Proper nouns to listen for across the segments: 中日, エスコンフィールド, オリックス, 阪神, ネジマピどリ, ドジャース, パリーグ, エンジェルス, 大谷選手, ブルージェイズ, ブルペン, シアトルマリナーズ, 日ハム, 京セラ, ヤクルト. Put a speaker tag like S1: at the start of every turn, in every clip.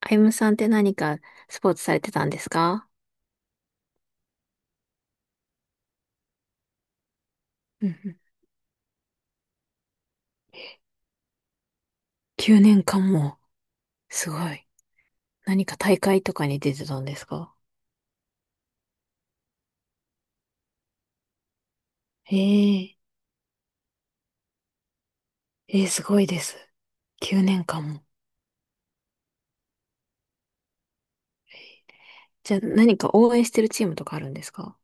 S1: あゆむさんって何かスポーツされてたんですか。うんうん。9年間も。すごい。何か大会とかに出てたんですか。ええええすごいです。9年間も。じゃあ何か応援してるチームとかあるんですか。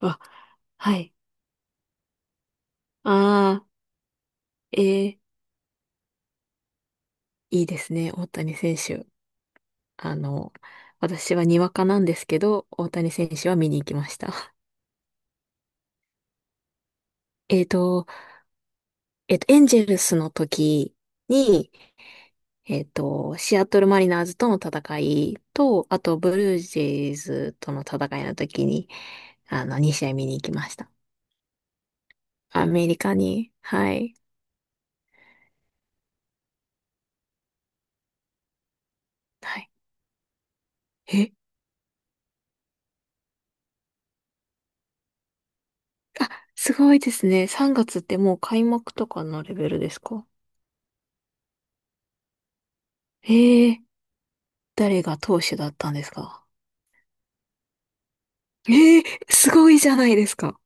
S1: あ、はい。ああ、ええいいですね。大谷選手。あの、私はにわかなんですけど、大谷選手は見に行きました。えっと、エンジェルスの時に、シアトルマリナーズとの戦いと、あとブルージェイズとの戦いの時に、2試合見に行きました。アメリカに、はい。はい。え、あ、すごいですね。3月ってもう開幕とかのレベルですか。ええ。誰が投手だったんですか。ええすごいじゃないですか。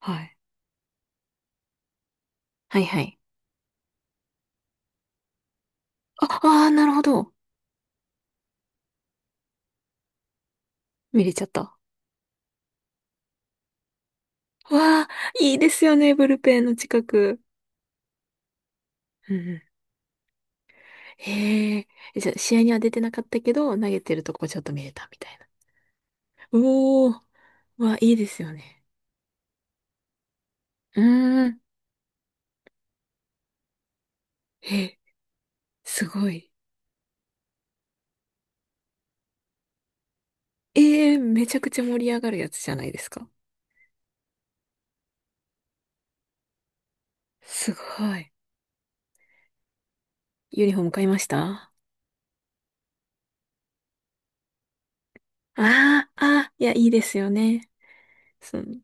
S1: はい。はいはい。あ、ああ、なるほど。見れちゃった。わあ、いいですよね、ブルペンの近く。うんうん。へえ。え、じゃあ、試合には出てなかったけど、投げてるとこちょっと見えたみたいな。おー。わ、いいですよね。うーん。え、すごい。ええ、めちゃくちゃ盛り上がるやつじゃないですか。すごい。ユニフォーム買いましたあ。あ、あー、いや、いいですよね。その、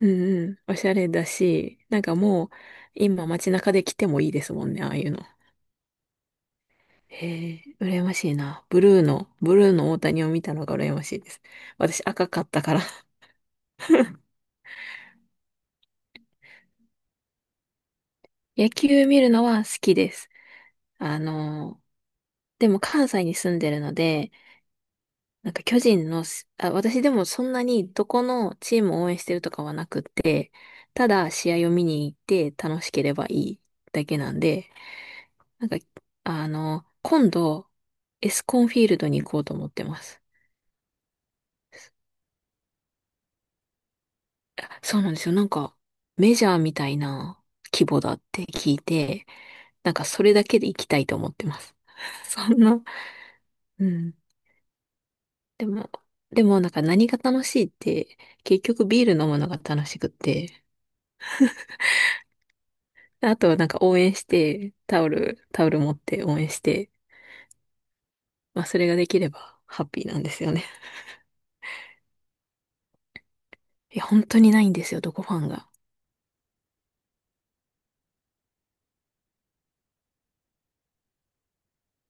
S1: うんうん。おしゃれだし、なんかもう、今街中で着てもいいですもんね、ああいうの。へえ、羨ましいな。ブルーの大谷を見たのが羨ましいです。私赤かったから。野球見るのは好きです。あの、でも関西に住んでるので、なんか巨人のし、あ、私でもそんなにどこのチームを応援してるとかはなくって、ただ試合を見に行って楽しければいいだけなんで、なんか、今度、エスコンフィールドに行こうと思ってます。あ、そうなんですよ。なんか、メジャーみたいな規模だって聞いて、なんかそれだけで行きたいと思ってます。そんな、うん。でも、でもなんか何が楽しいって、結局ビール飲むのが楽しくって、あとはなんか応援して、タオル持って応援して、まあそれができればハッピーなんですよね。いや、本当にないんですよ、どこファンが。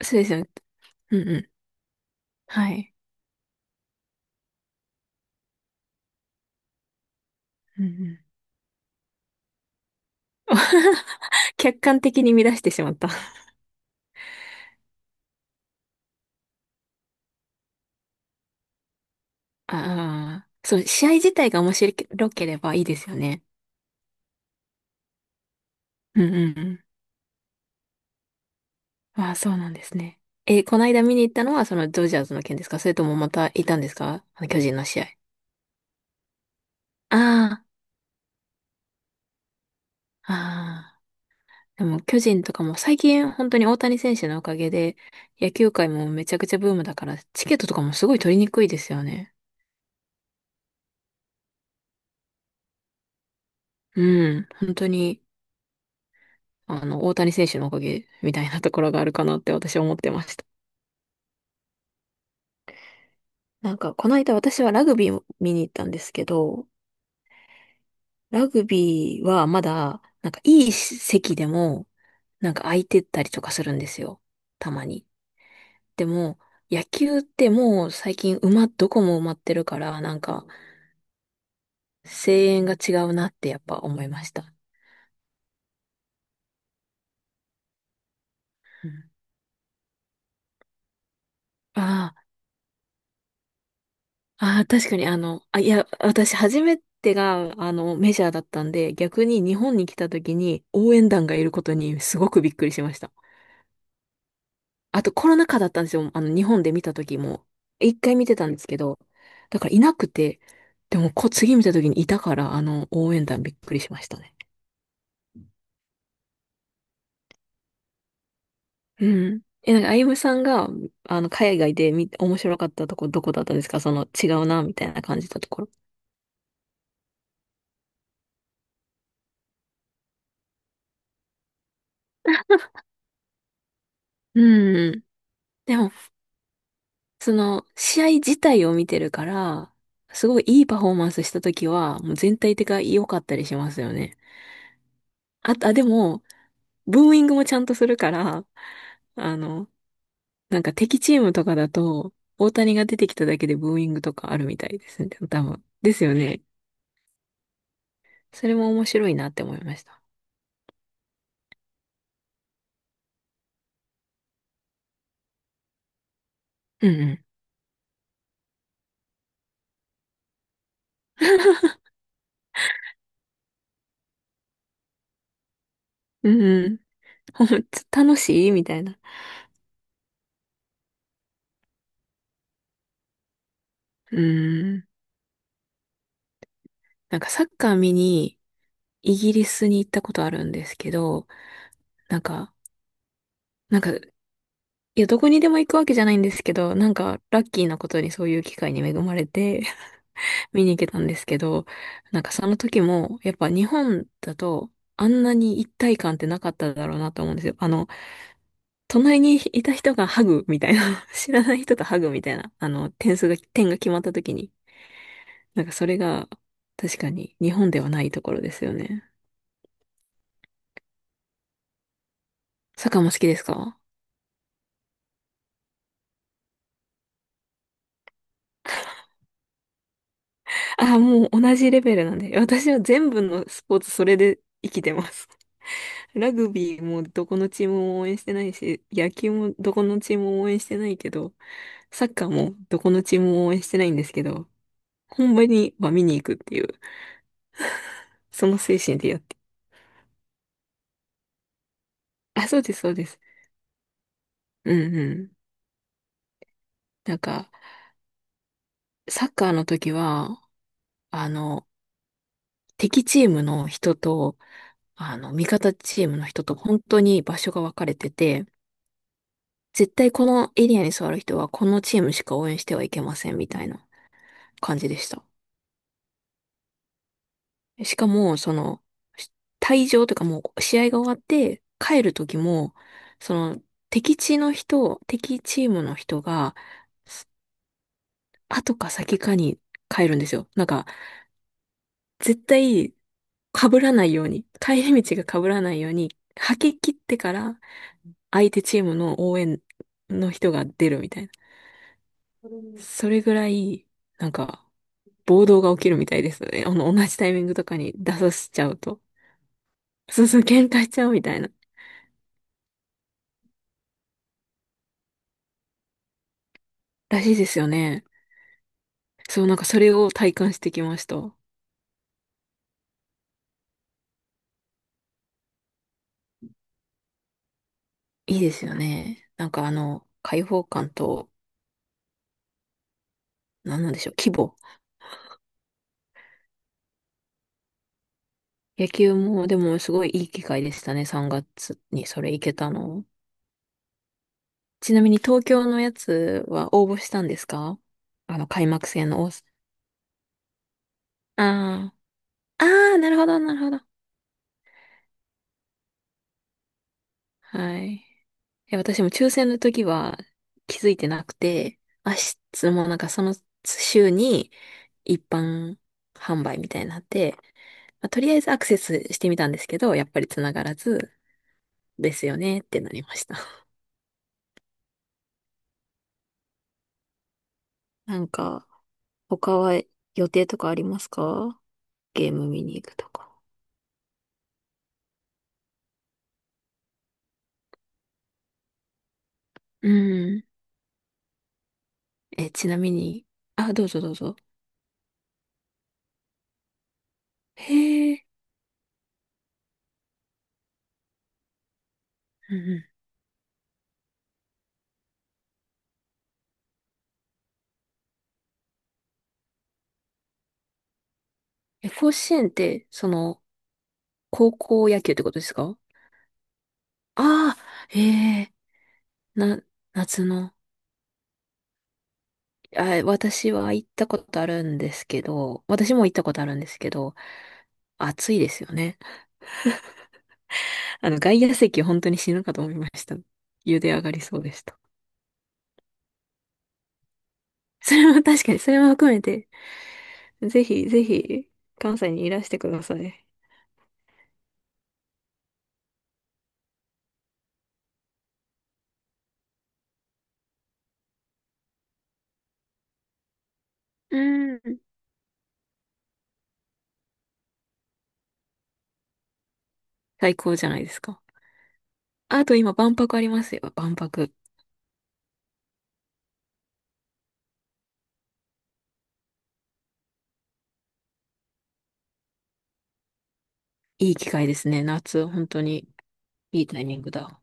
S1: そうですよね。うんうん。はい。うんうん。客観的に乱してしまった。ああ、そう、試合自体が面白ければいいですよね。うんうんうん。ああ、そうなんですね。え、この間見に行ったのはそのドジャースの件ですか。それともまたいたんですか、あの巨人の試合。ああ、ああ。でも巨人とかも最近本当に大谷選手のおかげで野球界もめちゃくちゃブームだからチケットとかもすごい取りにくいですよね。うん。本当にあの大谷選手のおかげみたいなところがあるかなって私は思ってました。なんかこの間私はラグビーを見に行ったんですけど、ラグビーはまだなんかいい席でもなんか空いてったりとかするんですよ。たまに。でも、野球ってもう最近どこも埋まってるから、なんか声援が違うなってやっぱ思いました。ああ、ああ、確かにあ、いや、私初めてがあのメジャーだったんで、逆に日本に来た時に応援団がいることにすごくびっくりしました。あとコロナ禍だったんですよ。日本で見た時も。一回見てたんですけど、だからいなくて、でも次見た時にいたから、応援団びっくりしましたね。うん。え、なんか、あゆむさんが、海外で面白かったとこ、どこだったですか。その、違うな、みたいな感じたところ。うん。でも、試合自体を見てるから、すごいいいパフォーマンスした時は、もう全体的が良かったりしますよね。あ、あ、でも、ブーイングもちゃんとするから、あの、なんか敵チームとかだと、大谷が出てきただけでブーイングとかあるみたいですね。多分。ですよね。それも面白いなって思いました。うんうん。うんうん。ほん楽しいみたいな。うん。なんかサッカー見にイギリスに行ったことあるんですけど、なんか、なんか、いや、どこにでも行くわけじゃないんですけど、なんか、ラッキーなことにそういう機会に恵まれて、見に行けたんですけど、なんかその時も、やっぱ日本だと、あんなに一体感ってなかっただろうなと思うんですよ。隣にいた人がハグみたいな、知らない人とハグみたいな、点が決まった時に、なんかそれが、確かに日本ではないところですよね。サッカーも好きですか。ああ、もう同じレベルなんで、私は全部のスポーツそれで生きてます。ラグビーもどこのチームも応援してないし、野球もどこのチームも応援してないけど、サッカーもどこのチームも応援してないんですけど、本場には見に行くっていう、その精神でやって。あ、そうです、そうです。うんうん。なんか、サッカーの時は、あの、敵チームの人と、味方チームの人と本当に場所が分かれてて、絶対このエリアに座る人はこのチームしか応援してはいけませんみたいな感じでした。しかも、し退場というかもう試合が終わって帰る時も、その、敵チームの人が、後か先かに帰るんですよ。なんか、絶対被らないように、帰り道が被らないように、吐き切ってから相手チームの応援の人が出るみたいな。うん。それぐらい、なんか、暴動が起きるみたいですね。同じタイミングとかに出させちゃうと。そうそう、喧嘩しちゃうみたいな。らしいですよね。そう、なんかそれを体感してきました。いいですよね。開放感と、なんなんでしょう、規模。野球も、でもすごいいい機会でしたね、3月にそれ行けたの。ちなみに東京のやつは応募したんですか。開幕戦の大阪、ああ、ああ、なるほど、なるほど。はい。いや、私も抽選の時は気づいてなくて、明日もうなんかその週に一般販売みたいになって、まあとりあえずアクセスしてみたんですけど、やっぱり繋がらず、ですよねってなりました。なんか、他は予定とかありますか。ゲーム見に行くとか。うん。え、ちなみに、あ、どうぞどうぞ。へえ。うんうん。え、甲子園って、その、高校野球ってことですか。ああー、ええ、な、夏の。あ、私は行ったことあるんですけど、私も行ったことあるんですけど、暑いですよね。外野席本当に死ぬかと思いました。茹で上がりそうでした。それも確かに、それも含めて、ぜひぜひ、関西にいらしてください。うん。最高じゃないですか。あと今、万博ありますよ。万博。いい機会ですね。夏、本当にいいタイミングだ。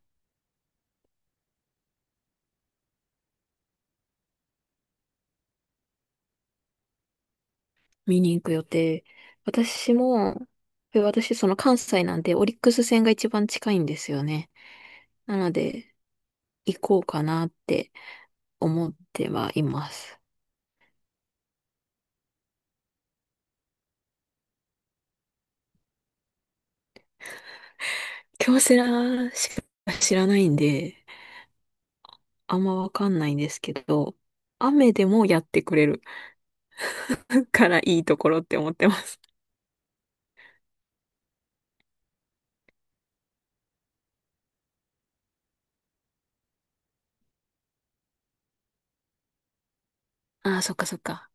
S1: 見に行く予定。私も、え私、その関西なんで、オリックス戦が一番近いんですよね。なので、行こうかなって思ってはいます。京セラしか知らないんで、あんまわかんないんですけど、雨でもやってくれる からいいところって思ってます。ああ、そっかそっか。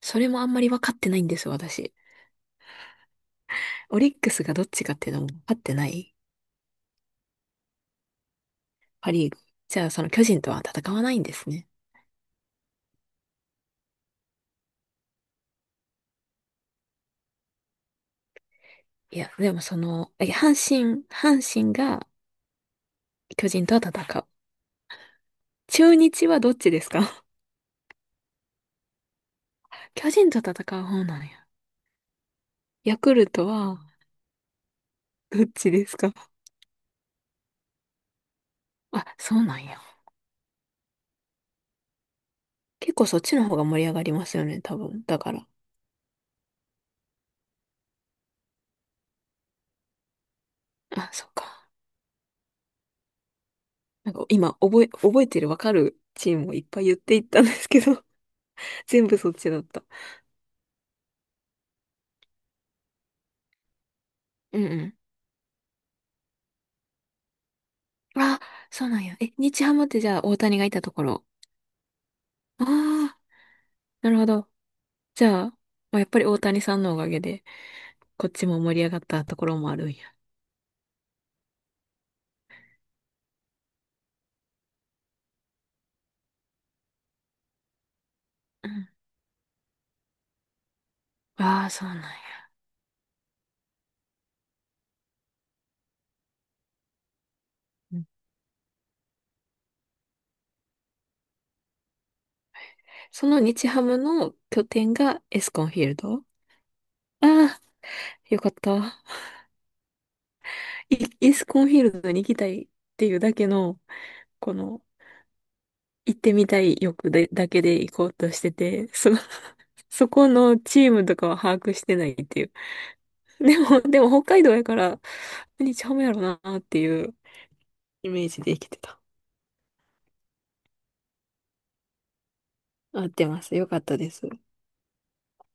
S1: それもあんまり分かってないんです、私。オリックスがどっちかっていうのも分かってない。パリーグ。じゃあ、その巨人とは戦わないんですね。いや、でもその、え阪神、阪神が巨人とは戦う。中日はどっちですか。 巨人と戦う方なんや。ヤクルトはどっちですか。あ、そうなんや。結構そっちの方が盛り上がりますよね、多分。だから。あ、そっか。なんか今、覚えてるわかるチームをいっぱい言っていったんですけど、全部そっちだった。うんうん。あ、そうなんや。え、日ハムってじゃあ大谷がいたところ。ああ、なるほど。じゃあ、まあ、やっぱり大谷さんのおかげで、こっちも盛り上がったところもあるんや。うん。ああ、そうなんや。うん。その日ハムの拠点がエスコンフィールド。ああ、よかった。イイスコンフィールドに行きたいっていうだけの、この、行ってみたい欲で、だけで行こうとしてて、その、そこのチームとかは把握してないっていう。でも、でも北海道やから、何ちゃうやろなっていうイメージで生きてた。合ってます。よかったです。